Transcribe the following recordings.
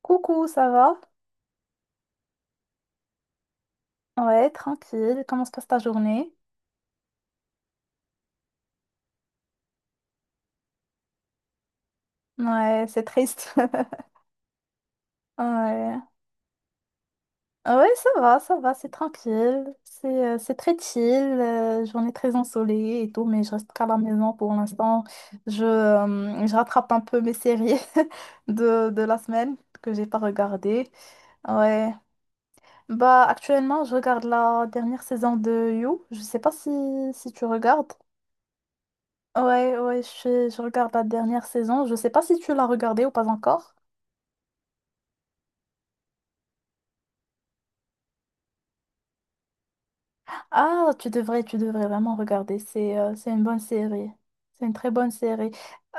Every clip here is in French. Coucou, ça va? Ouais, tranquille. Comment se passe ta journée? Ouais, c'est triste. Ouais. Ouais, ça va, c'est tranquille. C'est très chill, journée très ensoleillée et tout, mais je reste qu'à la maison pour l'instant. Je rattrape un peu mes séries de la semaine que j'ai pas regardées. Ouais. Bah, actuellement, je regarde la dernière saison de You. Je sais pas si tu regardes. Ouais, ouais, je regarde la dernière saison. Je sais pas si tu l'as regardée ou pas encore. Ah, tu devrais vraiment regarder. C'est une bonne série. C'est une très bonne série.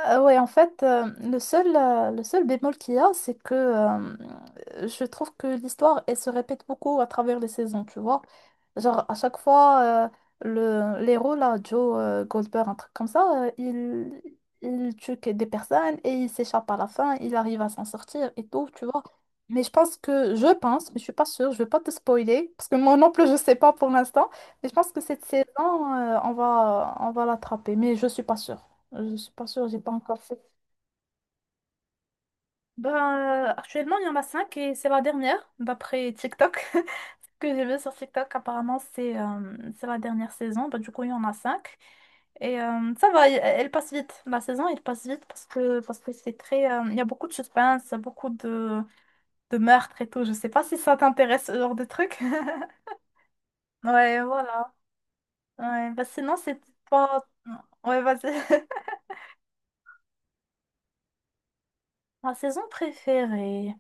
Ouais, en fait, le seul bémol qu'il y a, c'est que je trouve que l'histoire, elle se répète beaucoup à travers les saisons, tu vois. Genre, à chaque fois, l'héros, là, Joe Goldberg, un truc comme ça, il tue que des personnes et il s'échappe à la fin, il arrive à s'en sortir et tout, tu vois. Mais je pense que, je pense, mais je suis pas sûre, je vais pas te spoiler, parce que moi non plus, je sais pas pour l'instant. Et je pense que cette saison, on va l'attraper, mais je suis pas sûre. Je suis pas sûre, j'ai pas encore fait. Ben, actuellement, il y en a cinq et c'est la dernière, d'après TikTok. Ce que j'ai vu sur TikTok. Apparemment, c'est la dernière saison. Ben, du coup, il y en a cinq. Et ça va, elle passe vite. La saison, elle passe vite parce que c'est très. Il y a beaucoup de suspense, beaucoup de meurtres et tout. Je sais pas si ça t'intéresse, ce genre de truc. Ouais, voilà. Ouais, bah sinon, c'est pas. Ouais, vas-y. Ma saison préférée,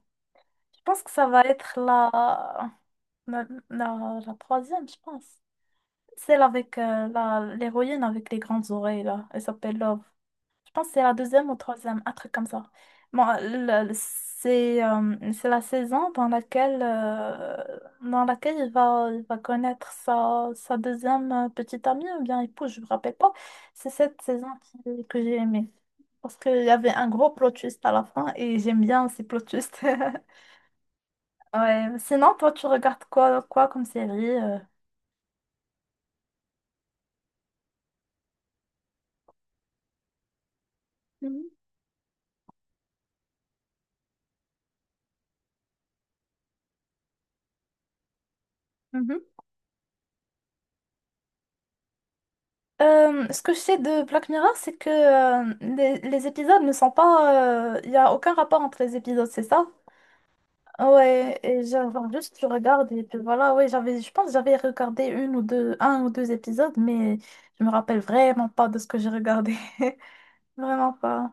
je pense que ça va être la troisième, je pense. Celle avec l'héroïne avec les grandes oreilles, là. Elle s'appelle Love. Je pense que c'est la deuxième ou troisième, un truc comme ça. Bon, c'est la saison dans laquelle il va connaître sa deuxième petite amie ou bien épouse, je me rappelle pas. C'est cette saison que j'ai aimée. Parce qu'il y avait un gros plot twist à la fin et j'aime bien ces plot twists. Ouais. Sinon, toi, tu regardes quoi, quoi comme série? Mhm. Ce que je sais de Black Mirror, c'est que les épisodes ne sont pas. Il n'y a aucun rapport entre les épisodes, c'est ça? Ouais, et genre juste tu regardes et puis voilà, ouais, j'avais, je pense que j'avais regardé une ou deux, un ou deux épisodes, mais je me rappelle vraiment pas de ce que j'ai regardé. Vraiment pas.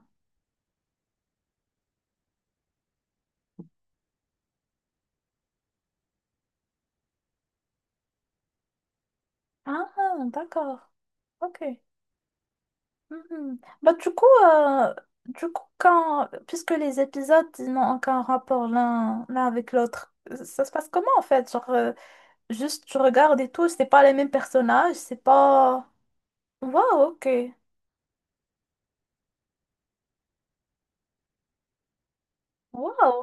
Ah, d'accord. Ok. Mhm. Bah du coup, quand, puisque les épisodes, ils n'ont aucun rapport l'un avec l'autre, ça se passe comment en fait? Genre, juste, je regarde et tout, c'est pas les mêmes personnages, c'est pas. Waouh, ok. Waouh.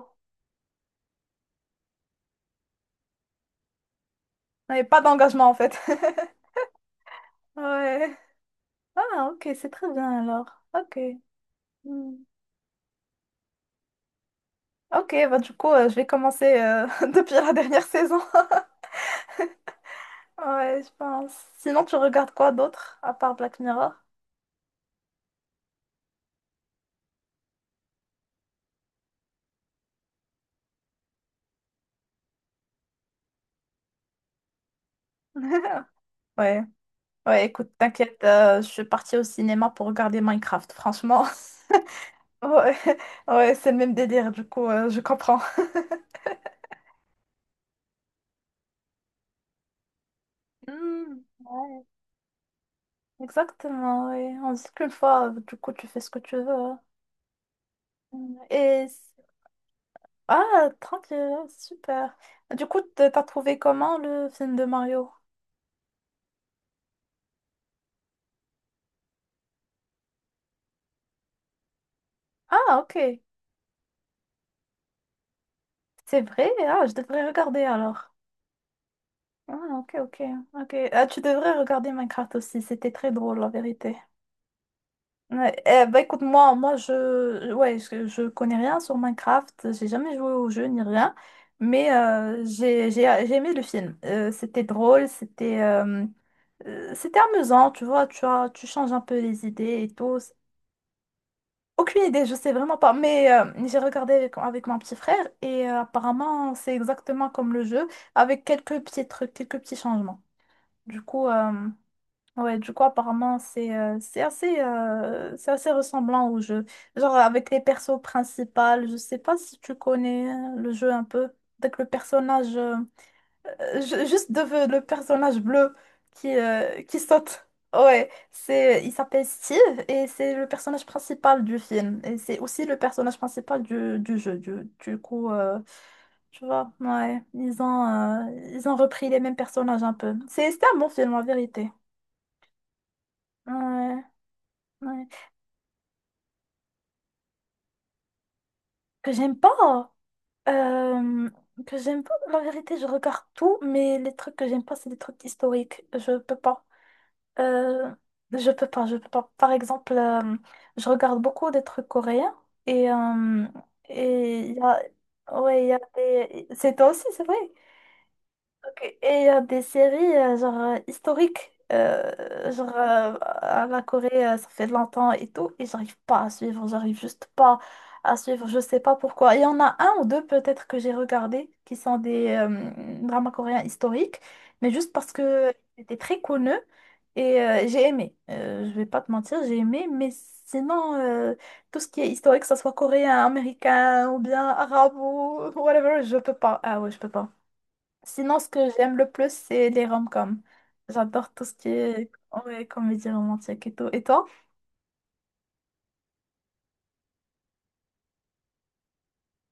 Il n'y a pas d'engagement en fait. Ouais. Ah, ok, c'est très bien alors. Ok. Hmm. Ok, bah du coup, je vais commencer depuis la dernière saison. Ouais, je pense. Sinon, tu regardes quoi d'autre, à part Black Mirror? Ouais. Ouais, écoute, t'inquiète, je suis partie au cinéma pour regarder Minecraft, franchement. Ouais, ouais, c'est le même délire, du coup, je comprends. Hmm. Exactement, oui. On dit qu'une fois, du coup, tu fais ce que tu veux, hein. Mm. Et. Ah, tranquille, hein, super. Du coup, t'as trouvé comment le film de Mario? Ah, ok. C'est vrai, ah, je devrais regarder alors. Ah, ok, ok, ok. Ah, tu devrais regarder Minecraft aussi, c'était très drôle, la vérité. Ouais, eh, bah écoute, moi je, ouais, je connais rien sur Minecraft, j'ai jamais joué au jeu ni rien, mais j'ai aimé le film. C'était drôle, c'était amusant, tu vois, tu as, tu changes un peu les idées et tout. Aucune idée, je sais vraiment pas, mais j'ai regardé avec mon petit frère et apparemment c'est exactement comme le jeu, avec quelques petits trucs, quelques petits changements. Du coup, euh, Ouais, du coup, apparemment, c'est assez ressemblant au jeu. Genre, avec les persos principaux, je sais pas si tu connais le jeu un peu. Avec le personnage, ju- juste de, le personnage bleu qui saute. Ouais, il s'appelle Steve et c'est le personnage principal du film. Et c'est aussi le personnage principal du jeu. Du coup, tu vois, ouais, ils ont repris les mêmes personnages un peu. C'est, c'était un bon film, en vérité. Ouais. Ouais. Que j'aime pas. euh, La vérité, je regarde tout, mais les trucs que j'aime pas, c'est des trucs historiques. Je peux pas. Euh, je peux pas, je peux pas. Par exemple, je regarde beaucoup des trucs coréens et euh, et il y a, ouais, il y a des. C'est toi aussi, c'est vrai. Ok. Et il des séries genre historiques, genre à la Corée, ça fait longtemps et tout, et j'arrive pas à suivre, j'arrive juste pas à suivre, je sais pas pourquoi. Il y en a un ou deux peut-être que j'ai regardé qui sont des dramas coréens historiques, mais juste parce que c'était très connu et j'ai aimé. Je vais pas te mentir, j'ai aimé, mais sinon, tout ce qui est historique, que ça soit coréen, américain ou bien arabe ou whatever, je peux pas. Ah ouais, je peux pas. Sinon, ce que j'aime le plus, c'est les rom j'adore tout ce qui est, ouais, comédie romantique et tout. Et toi?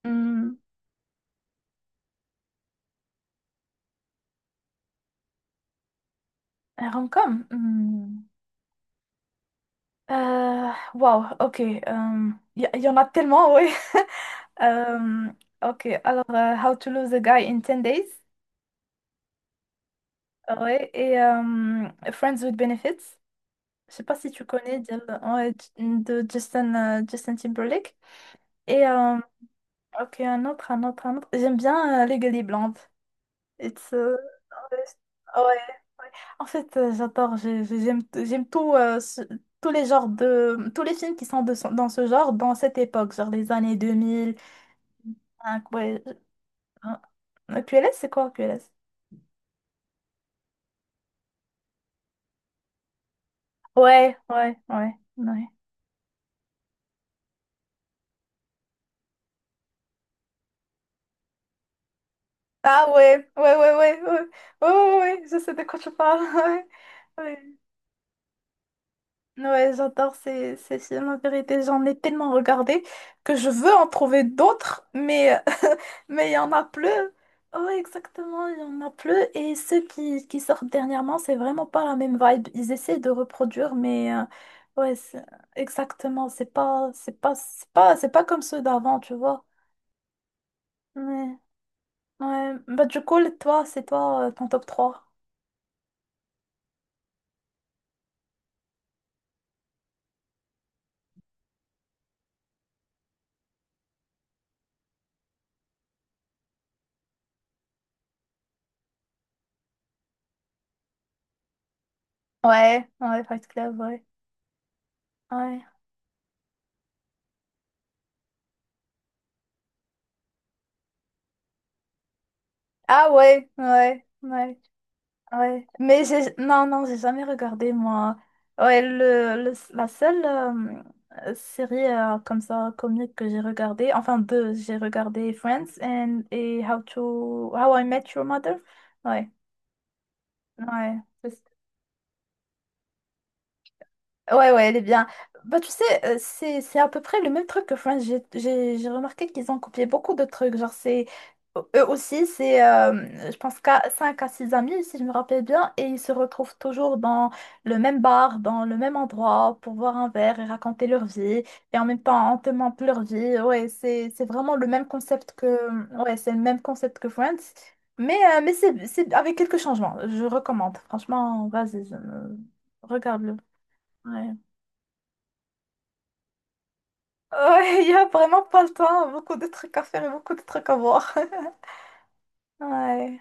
Hmm, un rom-com? Hmm. Wow, ok. Il y en a tellement, oui. Euh, ok, alors How to Lose a Guy in 10 Days. Ouais, et Friends with Benefits. Je sais pas si tu connais de, ouais, de Justin Timberlake. Et ok, un autre, un autre, un autre. J'aime bien Legally Blonde. It's, euh, ouais, ouais. En fait, j'adore, j'aime tout, tous les genres de, tous les films qui sont de, dans ce genre, dans cette époque, genre les années 2000. Hein, ouais, hein. QLS, c'est quoi QLS? Ouais, ouais, ouais, ouais. Ah ouais, ouais, ouais, ouais, ouais, ouais, ouais, ouais, je sais de quoi tu parles. Ouais, ouais. Ouais, j'adore ces films, en vérité. J'en ai tellement regardé que je veux en trouver d'autres, mais mais il y en a plus. Ouais, exactement, il y en a plus. Et ceux qui sortent dernièrement, c'est vraiment pas la même vibe. Ils essaient de reproduire, mais ouais, exactement. C'est pas, c'est pas, c'est pas, c'est pas comme ceux d'avant, tu vois. Ouais, ouais. Bah, du coup, toi, c'est toi, ton top trois. Ouais, ouais, Fight Club, ouais. Ouais. Ah ouais, ouais, ouais. Ouais, mais j'ai non, non, j'ai jamais regardé moi. Ouais, la seule série comme ça comique que j'ai regardée, enfin deux, j'ai regardé Friends and et How I Met Your Mother. Ouais, ouais, c'est. Ouais, ouais, elle est bien. Bah, tu sais, c'est à peu près le même truc que Friends. J'ai remarqué qu'ils ont copié beaucoup de trucs. Genre, c'est, eux aussi, c'est, je pense, qu'à 5 à 6 amis, si je me rappelle bien, et ils se retrouvent toujours dans le même bar, dans le même endroit, pour boire un verre et raconter leur vie. Et en même temps, on te montre leur vie. Ouais, c'est vraiment le même concept que, ouais, c'est le même concept que Friends. Mais c'est avec quelques changements. Je recommande. Franchement, vas-y, regarde-le. Ouais. Ouais, il y a vraiment pas le temps, beaucoup de trucs à faire et beaucoup de trucs à voir. Ouais.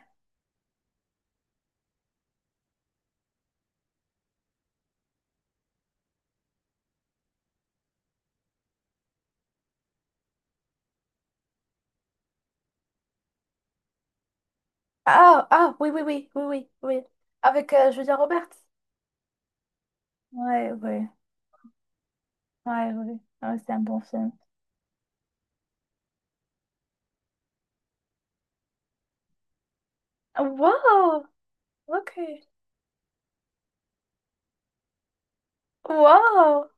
Ah, ah, oui, oui, oui, oui, oui, oui. Avec Julia Roberts. Ouais, ouais, ouais, ouais. Ouais, c'est un bon film. Wow, ok. Wow,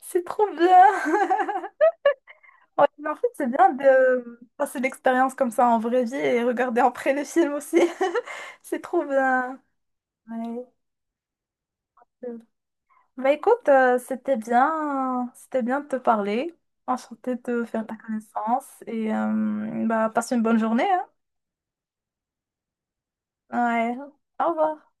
c'est trop bien. Ouais, mais en fait, c'est bien de passer l'expérience comme ça en vraie vie et regarder après les films aussi. C'est trop bien. Ouais. Bah écoute, c'était bien de te parler. Enchantée de faire ta connaissance et bah passe une bonne journée, hein. Ouais, au revoir.